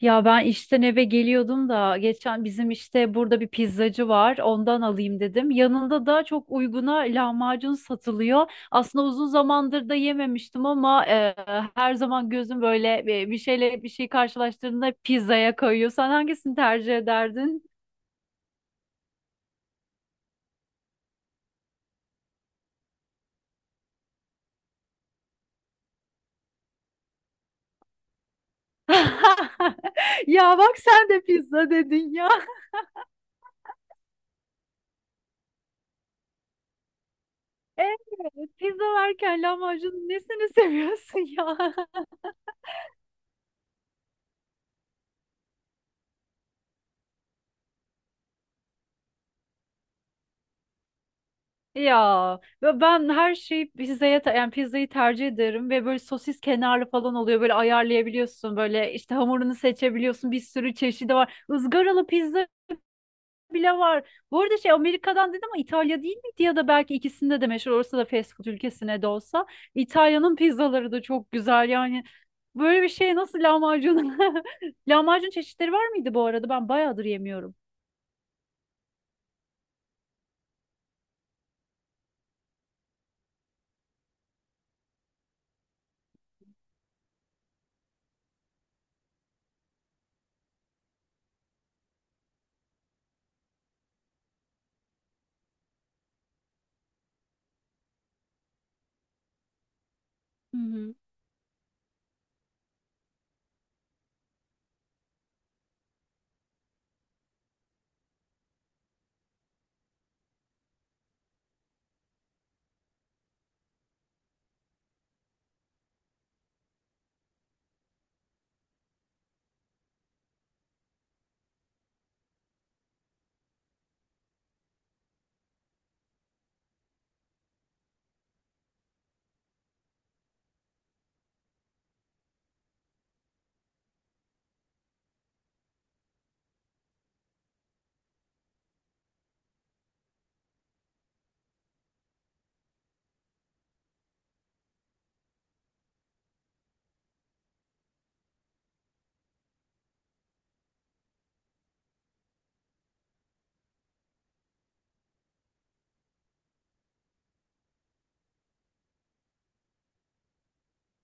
Ya ben işten eve geliyordum da geçen bizim işte burada bir pizzacı var, ondan alayım dedim. Yanında da çok uyguna lahmacun satılıyor. Aslında uzun zamandır da yememiştim ama her zaman gözüm böyle bir şeyle bir şey karşılaştığında pizzaya kayıyor. Sen hangisini tercih ederdin? Ya, bak sen de pizza dedin ya. Evet, pizza varken lahmacunun nesini seviyorsun ya? Ya ve ben her şeyi pizzaya yani pizzayı tercih ederim ve böyle sosis kenarlı falan oluyor, böyle ayarlayabiliyorsun, böyle işte hamurunu seçebiliyorsun, bir sürü çeşidi var, ızgaralı pizza bile var. Bu arada şey, Amerika'dan dedim ama İtalya değil miydi ya da belki ikisinde de meşhur olsa da, fast food ülkesine de olsa, İtalya'nın pizzaları da çok güzel yani. Böyle bir şey nasıl lahmacun lahmacun çeşitleri var mıydı bu arada, ben bayağıdır yemiyorum. Hı hı.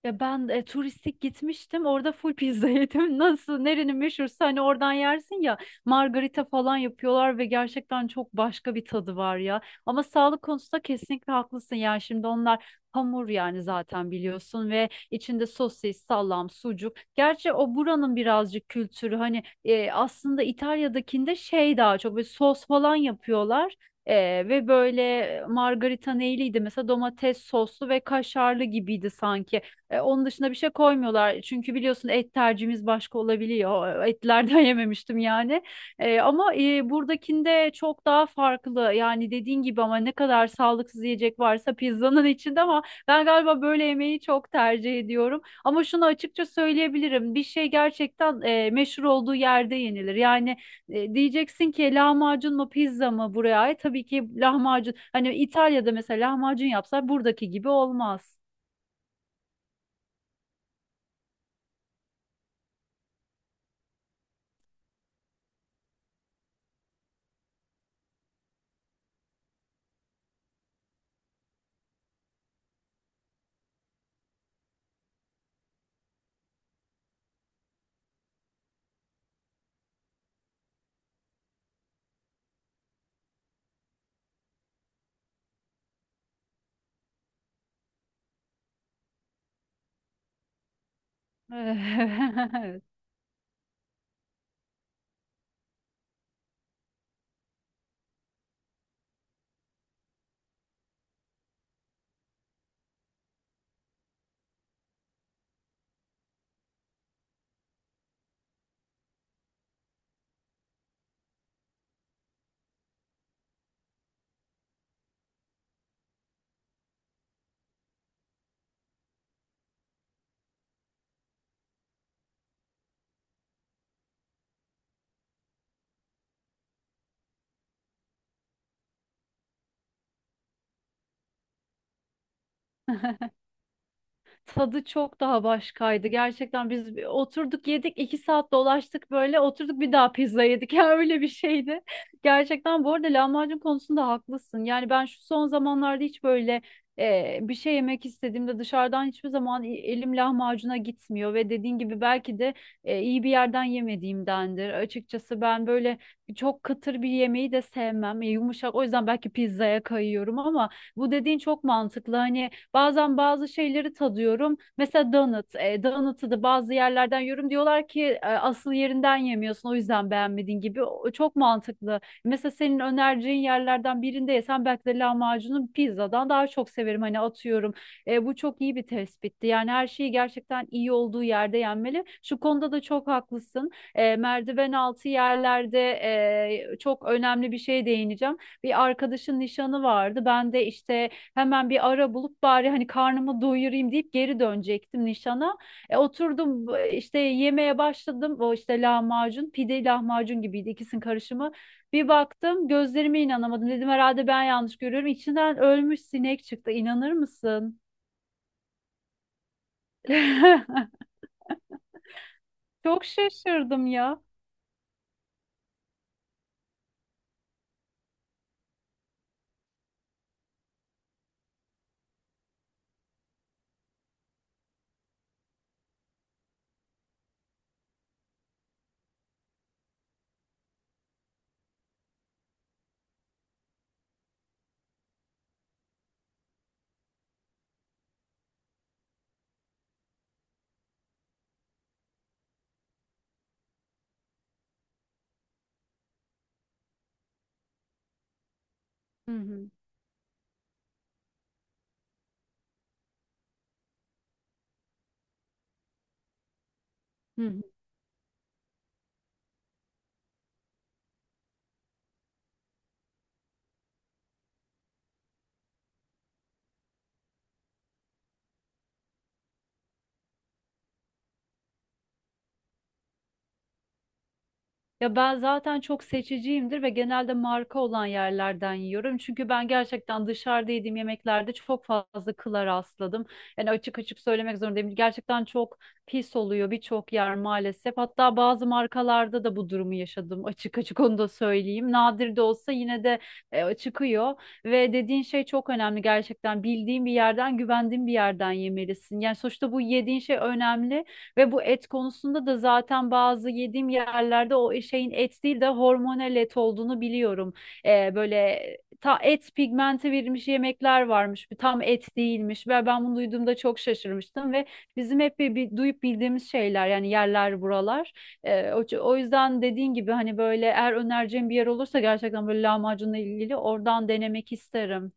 Ya ben turistik gitmiştim. Orada full pizza yedim. Nasıl, nerenin meşhursa hani oradan yersin ya. Margarita falan yapıyorlar ve gerçekten çok başka bir tadı var ya. Ama sağlık konusunda kesinlikle haklısın. Yani şimdi onlar hamur, yani zaten biliyorsun ve içinde sosis, salam, sucuk. Gerçi o buranın birazcık kültürü hani, aslında İtalya'dakinde şey daha çok böyle sos falan yapıyorlar. Ee, ve böyle margarita neyliydi mesela, domates soslu ve kaşarlı gibiydi sanki. Onun dışında bir şey koymuyorlar. Çünkü biliyorsun et tercihimiz başka olabiliyor. Etlerden yememiştim yani. Ama buradakinde çok daha farklı. Yani dediğin gibi, ama ne kadar sağlıksız yiyecek varsa pizzanın içinde, ama ben galiba böyle yemeği çok tercih ediyorum. Ama şunu açıkça söyleyebilirim. Bir şey gerçekten meşhur olduğu yerde yenilir. Yani diyeceksin ki lahmacun mu pizza mı buraya ait? Tabii ki lahmacun. Hani İtalya'da mesela lahmacun yapsa buradaki gibi olmaz. Evet. Tadı çok daha başkaydı. Gerçekten biz bir oturduk yedik, 2 saat dolaştık, böyle oturduk bir daha pizza yedik. Ya öyle bir şeydi. Gerçekten bu arada lahmacun konusunda haklısın. Yani ben şu son zamanlarda hiç böyle bir şey yemek istediğimde dışarıdan hiçbir zaman elim lahmacuna gitmiyor ve dediğin gibi belki de iyi bir yerden yemediğimdendir. Açıkçası ben böyle çok kıtır bir yemeği de sevmem. Yumuşak o yüzden belki pizzaya kayıyorum ama bu dediğin çok mantıklı. Hani bazen bazı şeyleri tadıyorum. Mesela donut. Donut'u da bazı yerlerden yiyorum. Diyorlar ki asıl yerinden yemiyorsun, o yüzden beğenmedin gibi. O, çok mantıklı. Mesela senin önereceğin yerlerden birinde yesem belki de lahmacunu pizzadan daha çok severim. Hani atıyorum. Bu çok iyi bir tespitti. Yani her şeyi gerçekten iyi olduğu yerde yenmeli. Şu konuda da çok haklısın. Merdiven altı yerlerde çok önemli bir şeye değineceğim. Bir arkadaşın nişanı vardı. Ben de işte hemen bir ara bulup bari hani karnımı doyurayım deyip geri dönecektim nişana. Oturdum işte yemeye başladım. O işte lahmacun, pide lahmacun gibiydi, ikisinin karışımı. Bir baktım gözlerime inanamadım. Dedim herhalde ben yanlış görüyorum. İçinden ölmüş sinek çıktı. İnanır mısın? Çok şaşırdım ya. Hı hı. Hı hı. Ya ben zaten çok seçiciyimdir ve genelde marka olan yerlerden yiyorum. Çünkü ben gerçekten dışarıda yediğim yemeklerde çok fazla kıla rastladım. Yani açık açık söylemek zorundayım. Gerçekten çok pis oluyor birçok yer maalesef. Hatta bazı markalarda da bu durumu yaşadım. Açık açık onu da söyleyeyim. Nadir de olsa yine de çıkıyor. Ve dediğin şey çok önemli gerçekten. Bildiğin bir yerden, güvendiğin bir yerden yemelisin. Yani sonuçta bu yediğin şey önemli. Ve bu et konusunda da zaten bazı yediğim yerlerde o şeyin et değil de hormonal et olduğunu biliyorum. Böyle ta et pigmenti verilmiş yemekler varmış. Bu tam et değilmiş. Ve ben bunu duyduğumda çok şaşırmıştım ve bizim hep bir duyup bildiğimiz şeyler yani, yerler buralar. O yüzden dediğin gibi hani böyle, eğer önereceğim bir yer olursa gerçekten böyle lahmacunla ilgili oradan denemek isterim.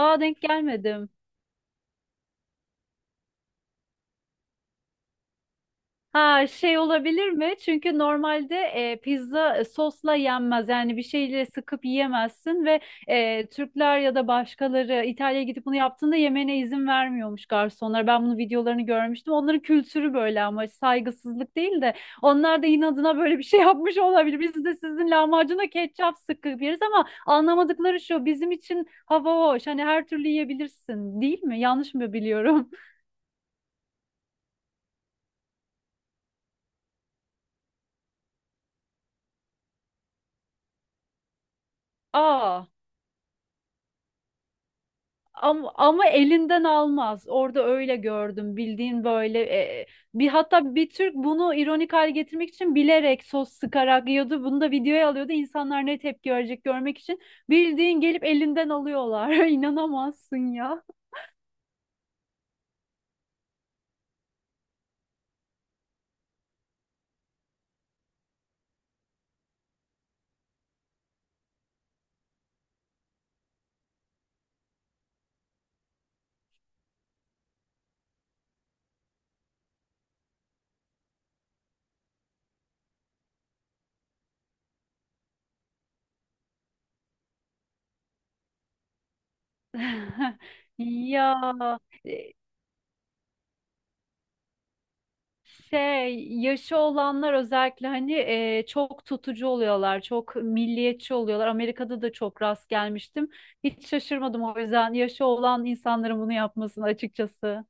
Aa, denk gelmedim. Ha, şey olabilir mi? Çünkü normalde pizza sosla yenmez. Yani bir şeyle sıkıp yiyemezsin ve Türkler ya da başkaları İtalya'ya gidip bunu yaptığında yemene izin vermiyormuş garsonlar. Ben bunun videolarını görmüştüm. Onların kültürü böyle ama saygısızlık değil de onlar da inadına böyle bir şey yapmış olabilir. Biz de sizin lahmacuna ketçap sıkıp yeriz ama anlamadıkları şu, bizim için hava hoş. Hani her türlü yiyebilirsin değil mi? Yanlış mı biliyorum? Aa. Ama elinden almaz. Orada öyle gördüm. Bildiğin böyle bir, hatta bir Türk bunu ironik hale getirmek için bilerek sos sıkarak yiyordu. Bunu da videoya alıyordu, İnsanlar ne tepki verecek görmek için. Bildiğin gelip elinden alıyorlar. İnanamazsın ya. Ya, e, şey, yaşı olanlar özellikle hani çok tutucu oluyorlar, çok milliyetçi oluyorlar. Amerika'da da çok rast gelmiştim. Hiç şaşırmadım o yüzden yaşı olan insanların bunu yapmasını açıkçası.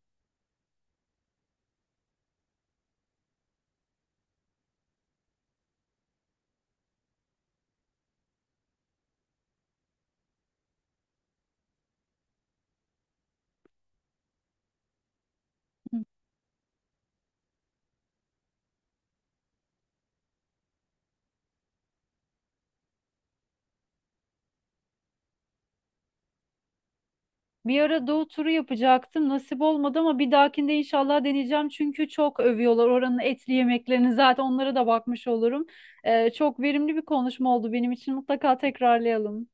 Bir ara Doğu turu yapacaktım. Nasip olmadı ama bir dahakinde inşallah deneyeceğim. Çünkü çok övüyorlar oranın etli yemeklerini. Zaten onlara da bakmış olurum. Çok verimli bir konuşma oldu benim için. Mutlaka tekrarlayalım.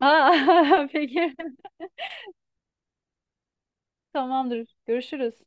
Aa, peki. Tamamdır. Görüşürüz.